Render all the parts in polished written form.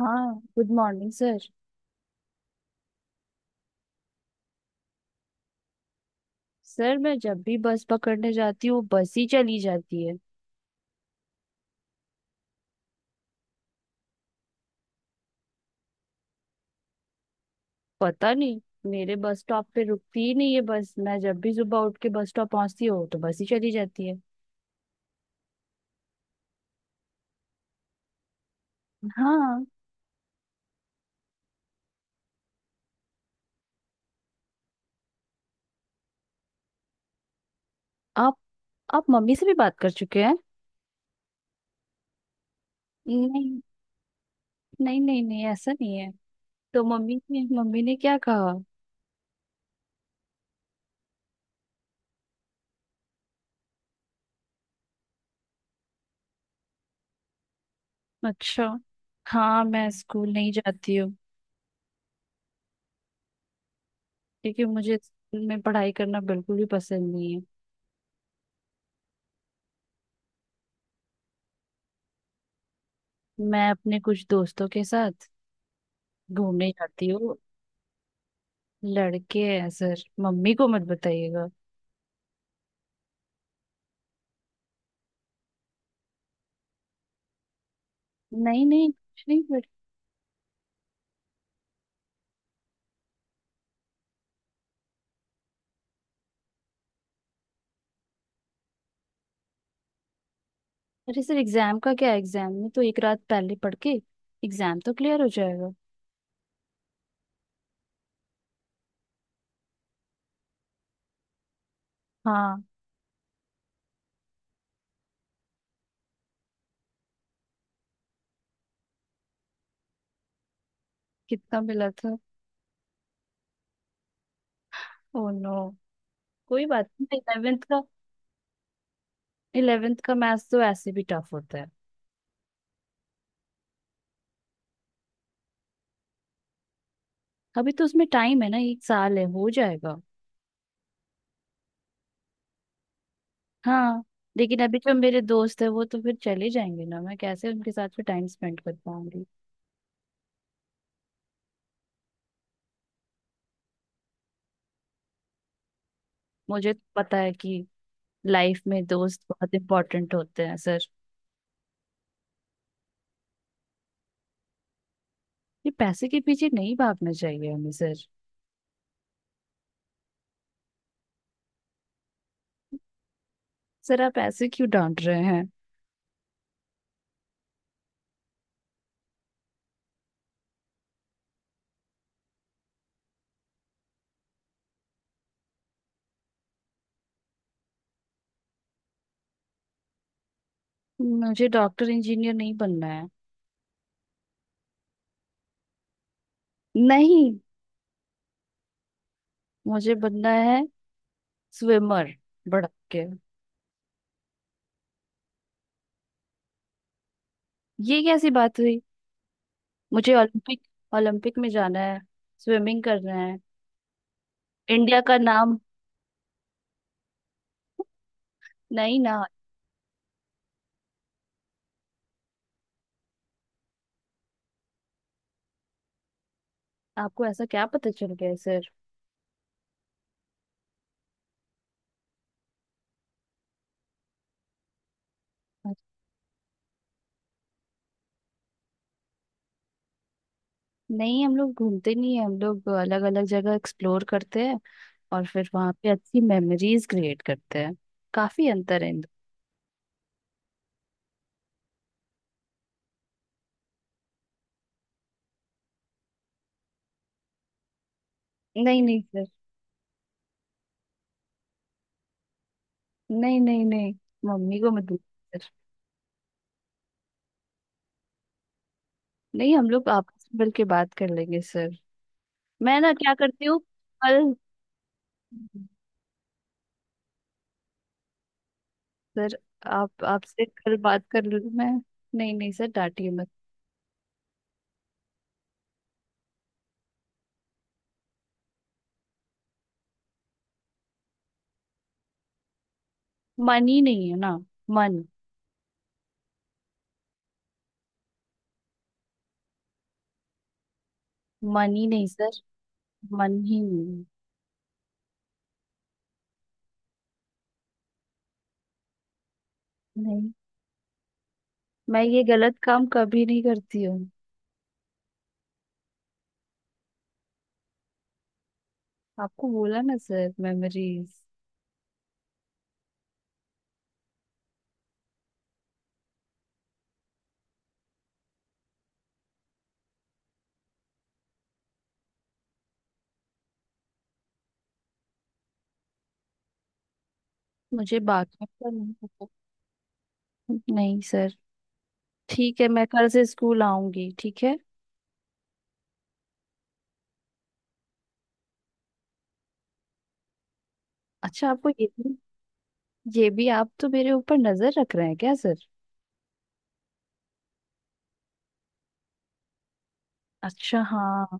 हाँ good morning sir. Sir मैं जब भी बस पकड़ने जाती हूँ बस ही चली जाती है। पता नहीं। मेरे बस स्टॉप पे रुकती ही नहीं है बस, मैं जब भी सुबह उठ के बस स्टॉप पहुंचती हूँ तो बस ही चली जाती है। हाँ। आप आप मम्मी से भी बात कर चुके हैं? नहीं, नहीं नहीं नहीं, ऐसा नहीं है। तो मम्मी ने क्या कहा? अच्छा। हाँ मैं स्कूल नहीं जाती हूँ, क्योंकि मुझे स्कूल में पढ़ाई करना बिल्कुल भी पसंद नहीं है। मैं अपने कुछ दोस्तों के साथ घूमने जाती हूँ। लड़के हैं सर, मम्मी को मत बताइएगा। नहीं नहीं, कुछ नहीं, बट। अरे सर एग्जाम का क्या, एग्जाम में तो एक रात पहले पढ़ के एग्जाम तो क्लियर हो जाएगा। हाँ। कितना मिला था? Oh no. कोई बात नहीं, इलेवेंथ का इलेवेंथ का मैथ्स तो ऐसे भी टफ होता है। अभी तो उसमें टाइम है ना, एक साल है, हो जाएगा। हाँ। लेकिन अभी जो मेरे दोस्त है वो तो फिर चले जाएंगे ना, मैं कैसे उनके साथ फिर टाइम स्पेंड कर पाऊंगी? मुझे तो पता है कि लाइफ में दोस्त बहुत इंपॉर्टेंट होते हैं सर। ये पैसे के पीछे नहीं भागना चाहिए हमें सर। सर आप ऐसे क्यों डांट रहे हैं? मुझे डॉक्टर इंजीनियर नहीं बनना है। नहीं। मुझे बनना है स्विमर, भड़क के। ये कैसी बात हुई? मुझे ओलंपिक, ओलंपिक में जाना है, स्विमिंग करना है। इंडिया का नाम। नहीं ना। आपको ऐसा क्या पता चल गया है, सर? नहीं हम लोग घूमते नहीं है, हम लोग अलग अलग जगह एक्सप्लोर करते हैं और फिर वहां पे अच्छी मेमोरीज क्रिएट करते हैं। काफी अंतर है नहीं नहीं सर। नहीं नहीं नहीं, मम्मी को मत बोलो सर। नहीं हम लोग आपस में मिल के बात कर लेंगे सर। मैं ना क्या करती हूँ, कल, सर आप, आपसे कल बात कर लूँ मैं? नहीं नहीं सर डांटिए मत। मन ही नहीं है ना। मन, मन ही नहीं सर, मन ही नहीं। नहीं मैं ये गलत काम कभी नहीं करती हूँ। आपको बोला ना सर, मेमोरीज। मुझे बाकी का नहीं पता। नहीं सर, ठीक है मैं कल से स्कूल आऊंगी, ठीक है। अच्छा आपको ये भी, ये भी, आप तो मेरे ऊपर नजर रख रहे हैं क्या सर? अच्छा हाँ।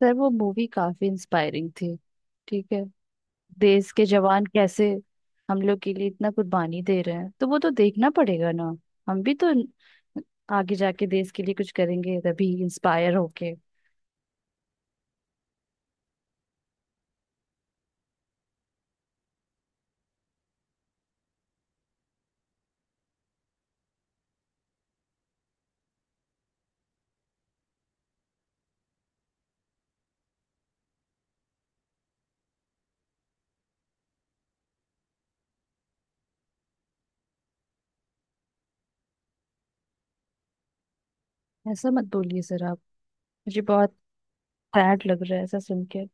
सर वो मूवी काफी इंस्पायरिंग थी, ठीक है। देश के जवान कैसे हम लोग के लिए इतना कुर्बानी दे रहे हैं, तो वो तो देखना पड़ेगा ना। हम भी तो आगे जाके देश के लिए कुछ करेंगे तभी, इंस्पायर होके। ऐसा मत बोलिए सर आप, मुझे बहुत सैड लग रहा है ऐसा सुन के।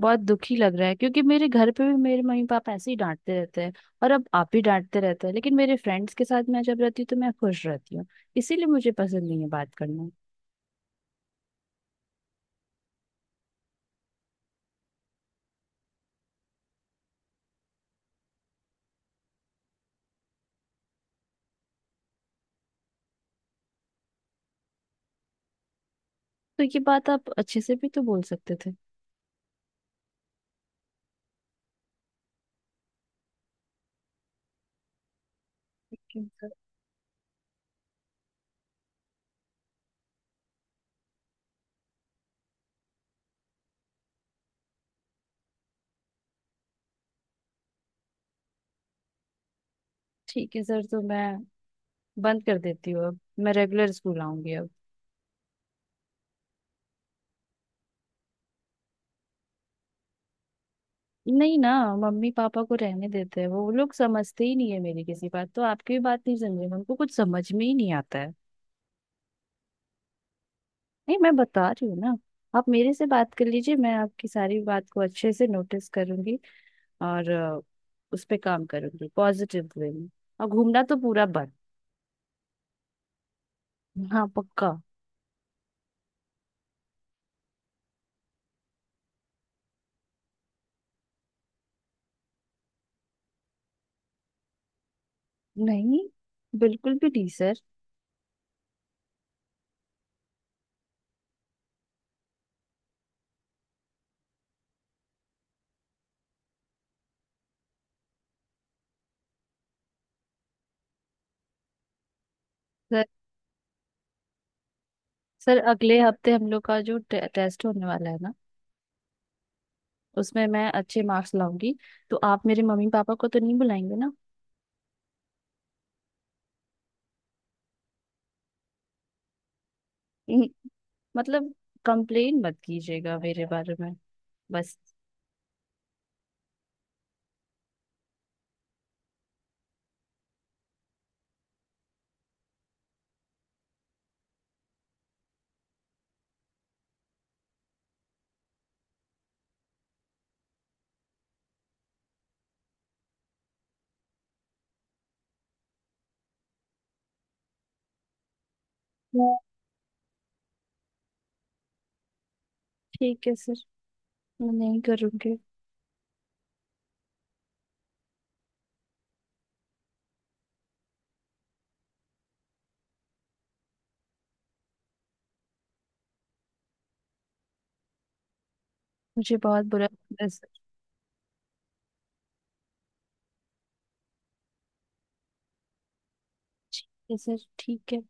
बहुत दुखी लग रहा है, क्योंकि मेरे घर पे भी मेरे मम्मी पापा ऐसे ही डांटते रहते हैं और अब आप भी डांटते रहते हैं, लेकिन मेरे फ्रेंड्स के साथ मैं जब रहती हूँ तो मैं खुश रहती हूँ, इसीलिए मुझे पसंद नहीं है बात करना। तो ये बात आप अच्छे से भी तो बोल सकते थे। ठीक है सर। ठीक है सर, तो मैं बंद कर देती हूँ अब, मैं रेगुलर स्कूल आऊंगी अब। नहीं ना, मम्मी पापा को रहने देते हैं, वो लोग समझते ही नहीं है मेरी किसी बात, तो आपकी भी बात नहीं समझे, उनको कुछ समझ में ही नहीं आता है। नहीं मैं बता रही हूँ ना, आप मेरे से बात कर लीजिए, मैं आपकी सारी बात को अच्छे से नोटिस करूंगी और उस पे काम करूंगी पॉजिटिव वे में, और घूमना तो पूरा बंद। हाँ पक्का। नहीं, बिल्कुल भी नहीं सर। सर, सर, अगले हफ्ते हम लोग का जो टेस्ट होने वाला है ना, उसमें मैं अच्छे मार्क्स लाऊंगी, तो आप मेरे मम्मी पापा को तो नहीं बुलाएंगे ना? हम्म, मतलब, कंप्लेन मत कीजिएगा मेरे बारे में बस। ठीक है सर, मैं नहीं करूंगी। मुझे बहुत बुरा। ठीक है सर, ठीक है।